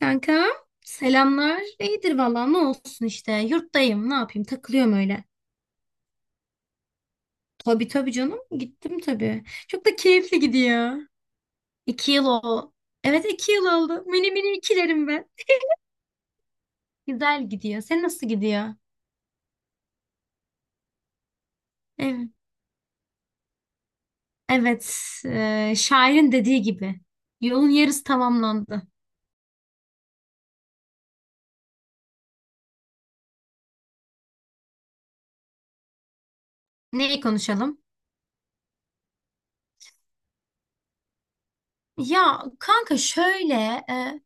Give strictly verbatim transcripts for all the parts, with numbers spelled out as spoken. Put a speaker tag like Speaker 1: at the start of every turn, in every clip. Speaker 1: Kanka selamlar. İyidir valla ne olsun işte. Yurttayım ne yapayım takılıyorum öyle. Tabii tabii canım gittim tabii. Çok da keyifli gidiyor. İki yıl o. Evet iki yıl oldu. Mini mini ikilerim ben. Güzel gidiyor. Sen nasıl gidiyor? Evet. Evet. E, şairin dediği gibi. Yolun yarısı tamamlandı. Neyi konuşalım? Ya kanka şöyle e,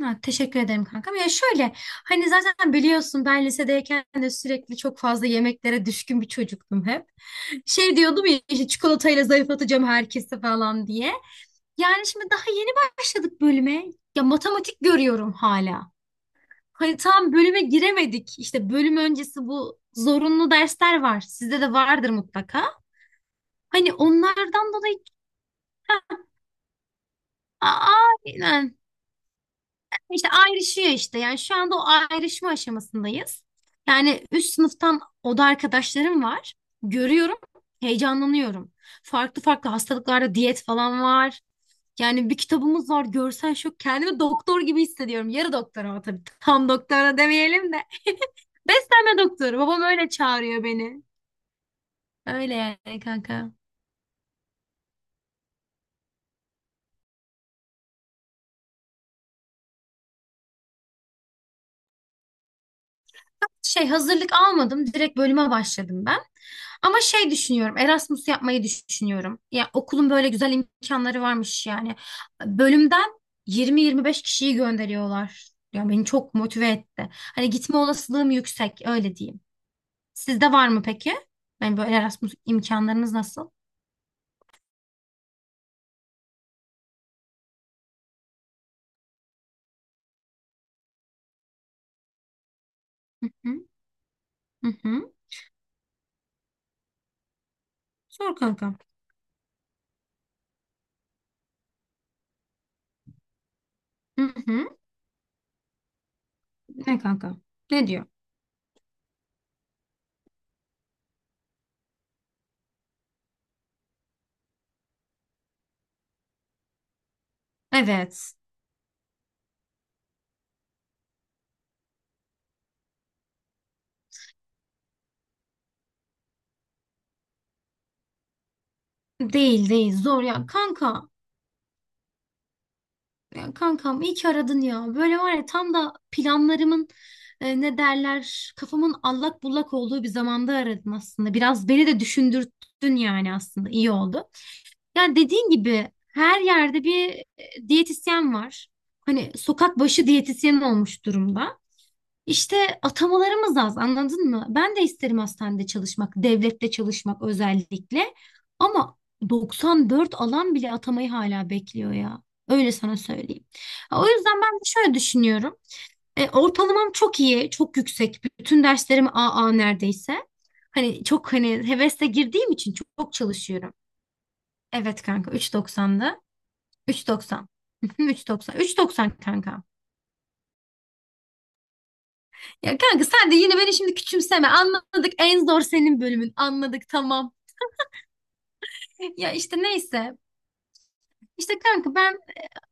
Speaker 1: Ha, teşekkür ederim kankam. Ya şöyle, hani zaten biliyorsun, ben lisedeyken de sürekli çok fazla yemeklere düşkün bir çocuktum hep. Şey diyordum ya, işte çikolatayla zayıflatacağım herkese falan diye. Yani şimdi daha yeni başladık bölüme. Ya matematik görüyorum hala. Hani tam bölüme giremedik. İşte bölüm öncesi bu zorunlu dersler var. Sizde de vardır mutlaka. Hani onlardan dolayı. aa, aynen. İşte ayrışıyor işte. Yani şu anda o ayrışma aşamasındayız. Yani üst sınıftan oda arkadaşlarım var. Görüyorum, heyecanlanıyorum. Farklı farklı hastalıklarda diyet falan var. Yani bir kitabımız var, görsel şok. Kendimi doktor gibi hissediyorum. Yarı doktor, ama tabii tam doktora demeyelim de. Beslenme doktoru. Babam öyle çağırıyor beni. Öyle yani kanka. Şey, hazırlık almadım. Direkt bölüme başladım ben. Ama şey düşünüyorum. Erasmus yapmayı düşünüyorum. Ya okulun böyle güzel imkanları varmış yani. Bölümden yirmi yirmi beş kişiyi gönderiyorlar. Ya beni çok motive etti. Hani gitme olasılığım yüksek, öyle diyeyim. Sizde var mı peki? Yani böyle Erasmus imkanlarınız nasıl? Hı hı hı hı. Sor kanka. Hı hı. Ne kanka? Ne diyor? Evet. Değil değil, zor ya. Kanka, ya kankam iyi ki aradın ya. Böyle var ya, tam da planlarımın e, ne derler, kafamın allak bullak olduğu bir zamanda aradın aslında. Biraz beni de düşündürttün, yani aslında iyi oldu. Ya dediğin gibi her yerde bir e, diyetisyen var. Hani sokak başı diyetisyen olmuş durumda. İşte atamalarımız az, anladın mı? Ben de isterim hastanede çalışmak, devlette çalışmak özellikle. Ama doksan dört alan bile atamayı hala bekliyor ya. Öyle sana söyleyeyim. O yüzden ben de şöyle düşünüyorum. E, ortalamam çok iyi, çok yüksek. Bütün derslerim A A neredeyse. Hani çok, hani hevesle girdiğim için çok, çok çalışıyorum. Evet kanka, üç doksanda. üç doksan. üç doksan. üç doksan kanka. Ya kanka sen de yine beni şimdi küçümseme. Anladık, en zor senin bölümün. Anladık, tamam. Ya işte neyse. İşte kanka ben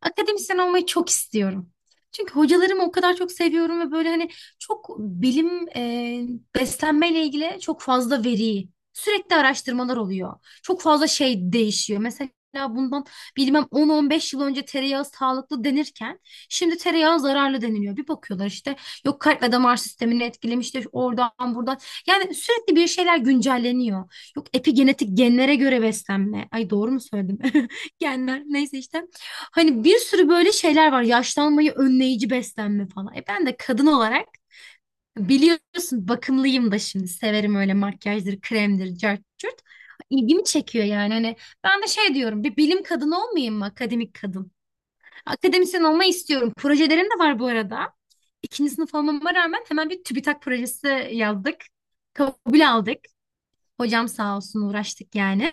Speaker 1: akademisyen olmayı çok istiyorum. Çünkü hocalarımı o kadar çok seviyorum ve böyle hani çok bilim, e, beslenmeyle ilgili çok fazla veri, sürekli araştırmalar oluyor. Çok fazla şey değişiyor. Mesela bundan bilmem on on beş yıl önce tereyağı sağlıklı denirken şimdi tereyağı zararlı deniliyor. Bir bakıyorlar işte, yok kalp ve damar sistemini etkilemiş de oradan buradan. Yani sürekli bir şeyler güncelleniyor. Yok epigenetik genlere göre beslenme. Ay doğru mu söyledim? Genler neyse işte. Hani bir sürü böyle şeyler var. Yaşlanmayı önleyici beslenme falan. E ben de kadın olarak biliyorsun bakımlıyım da şimdi. Severim öyle, makyajdır, kremdir, cart curt. İlgimi çekiyor yani. Hani ben de şey diyorum, bir bilim kadını olmayayım mı? Akademik kadın. Akademisyen olmayı istiyorum. Projelerim de var bu arada. İkinci sınıf olmama rağmen hemen bir TÜBİTAK projesi yazdık. Kabul aldık. Hocam sağ olsun, uğraştık yani.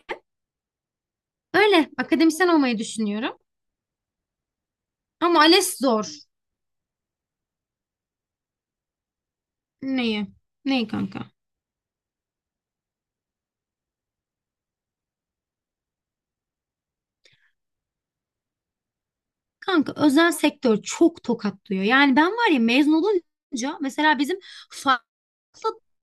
Speaker 1: Öyle akademisyen olmayı düşünüyorum. Ama ALES zor. Neyi? Neyi kanka? Kanka, özel sektör çok tokatlıyor. Yani ben var ya, mezun olunca mesela bizim farklı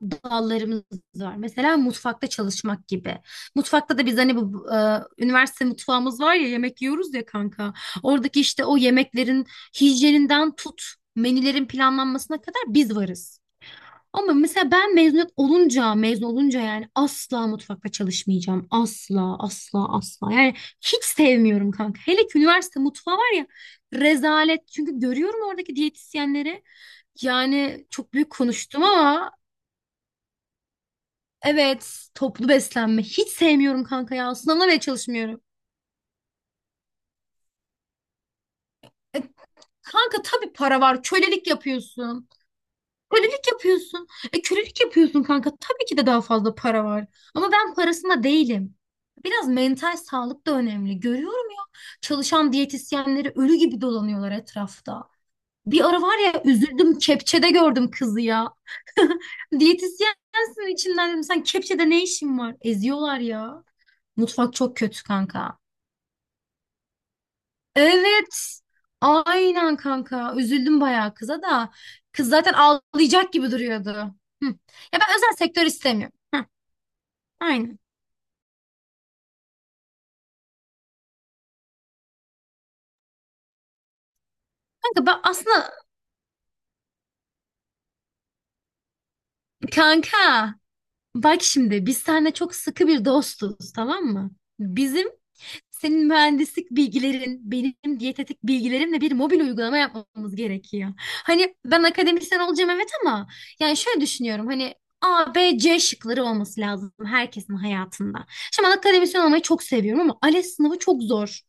Speaker 1: dallarımız var. Mesela mutfakta çalışmak gibi. Mutfakta da biz hani bu e, üniversite mutfağımız var ya, yemek yiyoruz ya kanka. Oradaki işte o yemeklerin hijyeninden tut, menülerin planlanmasına kadar biz varız. Ama mesela ben mezuniyet olunca, mezun olunca, yani asla mutfakta çalışmayacağım. Asla, asla, asla. Yani hiç sevmiyorum kanka. Hele ki üniversite mutfağı var ya, rezalet. Çünkü görüyorum oradaki diyetisyenleri. Yani çok büyük konuştum ama, evet, toplu beslenme. Hiç sevmiyorum kanka ya. Sınavına bile çalışmıyorum. E, kanka tabii para var. Kölelik yapıyorsun. Kölelik yapıyorsun. E, kölelik yapıyorsun kanka. Tabii ki de daha fazla para var. Ama ben parasında değilim. Biraz mental sağlık da önemli. Görüyorum ya, çalışan diyetisyenleri ölü gibi dolanıyorlar etrafta. Bir ara var ya, üzüldüm, kepçede gördüm kızı ya. Diyetisyensin içinden, dedim, sen kepçede ne işin var? Eziyorlar ya. Mutfak çok kötü kanka. Evet. Aynen kanka. Üzüldüm bayağı kıza da. Kız zaten ağlayacak gibi duruyordu. Hı. Ya ben özel sektör istemiyorum. Hı. Aynen. Kanka ben aslında, kanka bak şimdi biz seninle çok sıkı bir dostuz, tamam mı? Bizim Senin mühendislik bilgilerin, benim diyetetik bilgilerimle bir mobil uygulama yapmamız gerekiyor. Hani ben akademisyen olacağım, evet, ama yani şöyle düşünüyorum, hani A, B, C şıkları olması lazım herkesin hayatında. Şimdi ben akademisyen olmayı çok seviyorum ama ALES sınavı çok zor.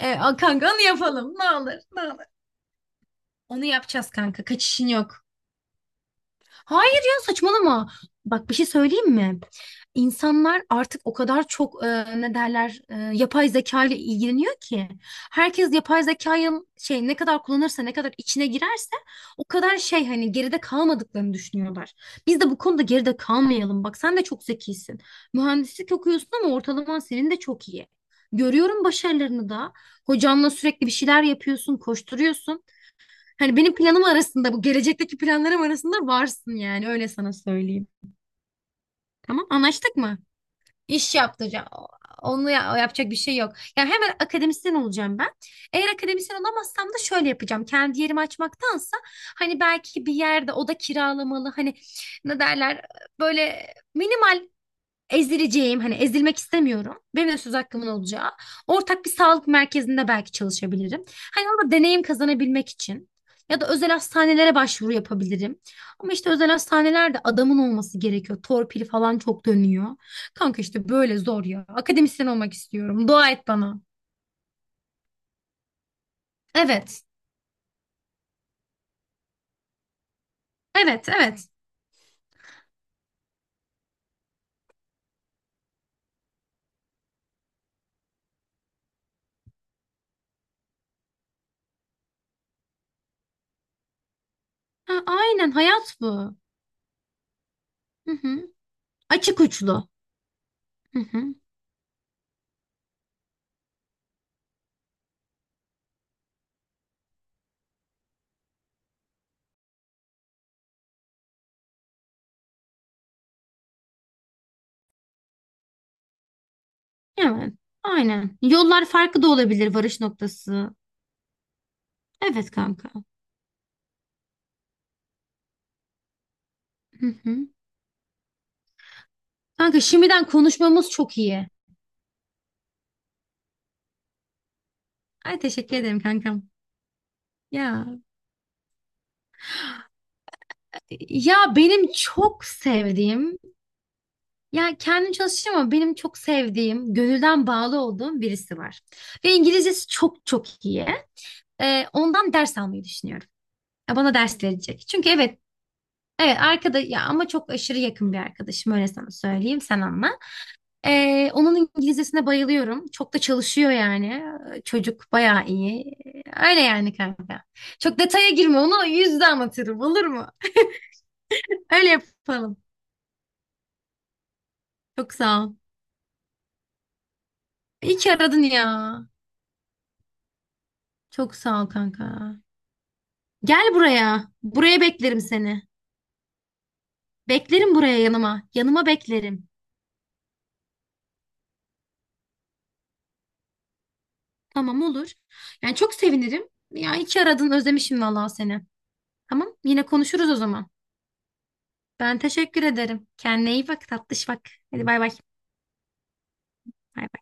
Speaker 1: E, a- kanka onu yapalım, ne olur ne olur. Onu yapacağız kanka, kaçışın yok. Hayır ya, saçmalama. Bak bir şey söyleyeyim mi? İnsanlar artık o kadar çok e, ne derler, e, yapay zeka ile ilgileniyor ki, herkes yapay zekayı şey, ne kadar kullanırsa, ne kadar içine girerse o kadar şey, hani geride kalmadıklarını düşünüyorlar. Biz de bu konuda geride kalmayalım. Bak sen de çok zekisin. Mühendislik okuyorsun ama ortalaman senin de çok iyi. Görüyorum başarılarını da. Hocanla sürekli bir şeyler yapıyorsun, koşturuyorsun. Hani benim planım arasında, bu gelecekteki planlarım arasında varsın, yani öyle sana söyleyeyim. Tamam anlaştık mı? İş yaptıracağım. O- Onu ya- yapacak bir şey yok. Yani hemen akademisyen olacağım ben. Eğer akademisyen olamazsam da şöyle yapacağım. Kendi yerimi açmaktansa hani belki bir yerde oda kiralamalı, hani ne derler, böyle minimal. Ezileceğim, hani ezilmek istemiyorum. Benim de söz hakkımın olacağı. Ortak bir sağlık merkezinde belki çalışabilirim. Hani orada deneyim kazanabilmek için. Ya da özel hastanelere başvuru yapabilirim. Ama işte özel hastanelerde adamın olması gerekiyor. Torpili falan çok dönüyor. Kanka işte böyle zor ya. Akademisyen olmak istiyorum. Dua et bana. Evet. Evet, evet. Ha, aynen, hayat bu. Hı hı. Açık uçlu. Hı hı. Evet. Aynen. Yollar farklı da olabilir, varış noktası. Evet kanka. Hı hı. Kanka şimdiden konuşmamız çok iyi. Ay teşekkür ederim kankam. Ya ya benim çok sevdiğim, ya kendim çalışacağım ama benim çok sevdiğim, gönülden bağlı olduğum birisi var. Ve İngilizcesi çok çok iyi. Ee, ondan ders almayı düşünüyorum. Ya bana ders verecek. Çünkü evet, evet arkada ya, ama çok aşırı yakın bir arkadaşım, öyle sana söyleyeyim, sen anla. Ee, onun İngilizcesine bayılıyorum. Çok da çalışıyor yani. Ee, Çocuk bayağı iyi. Ee, Öyle yani kanka. Çok detaya girme, onu yüzde anlatırım, olur mu? Öyle yapalım. Çok sağ ol. İyi ki aradın ya. Çok sağ ol kanka. Gel buraya. Buraya beklerim seni. Beklerim buraya, yanıma. Yanıma beklerim. Tamam olur. Yani çok sevinirim. Ya iyi ki aradın. Özlemişim vallahi seni. Tamam. Yine konuşuruz o zaman. Ben teşekkür ederim. Kendine iyi bak tatlış, bak. Hadi bay bay. Bay bay.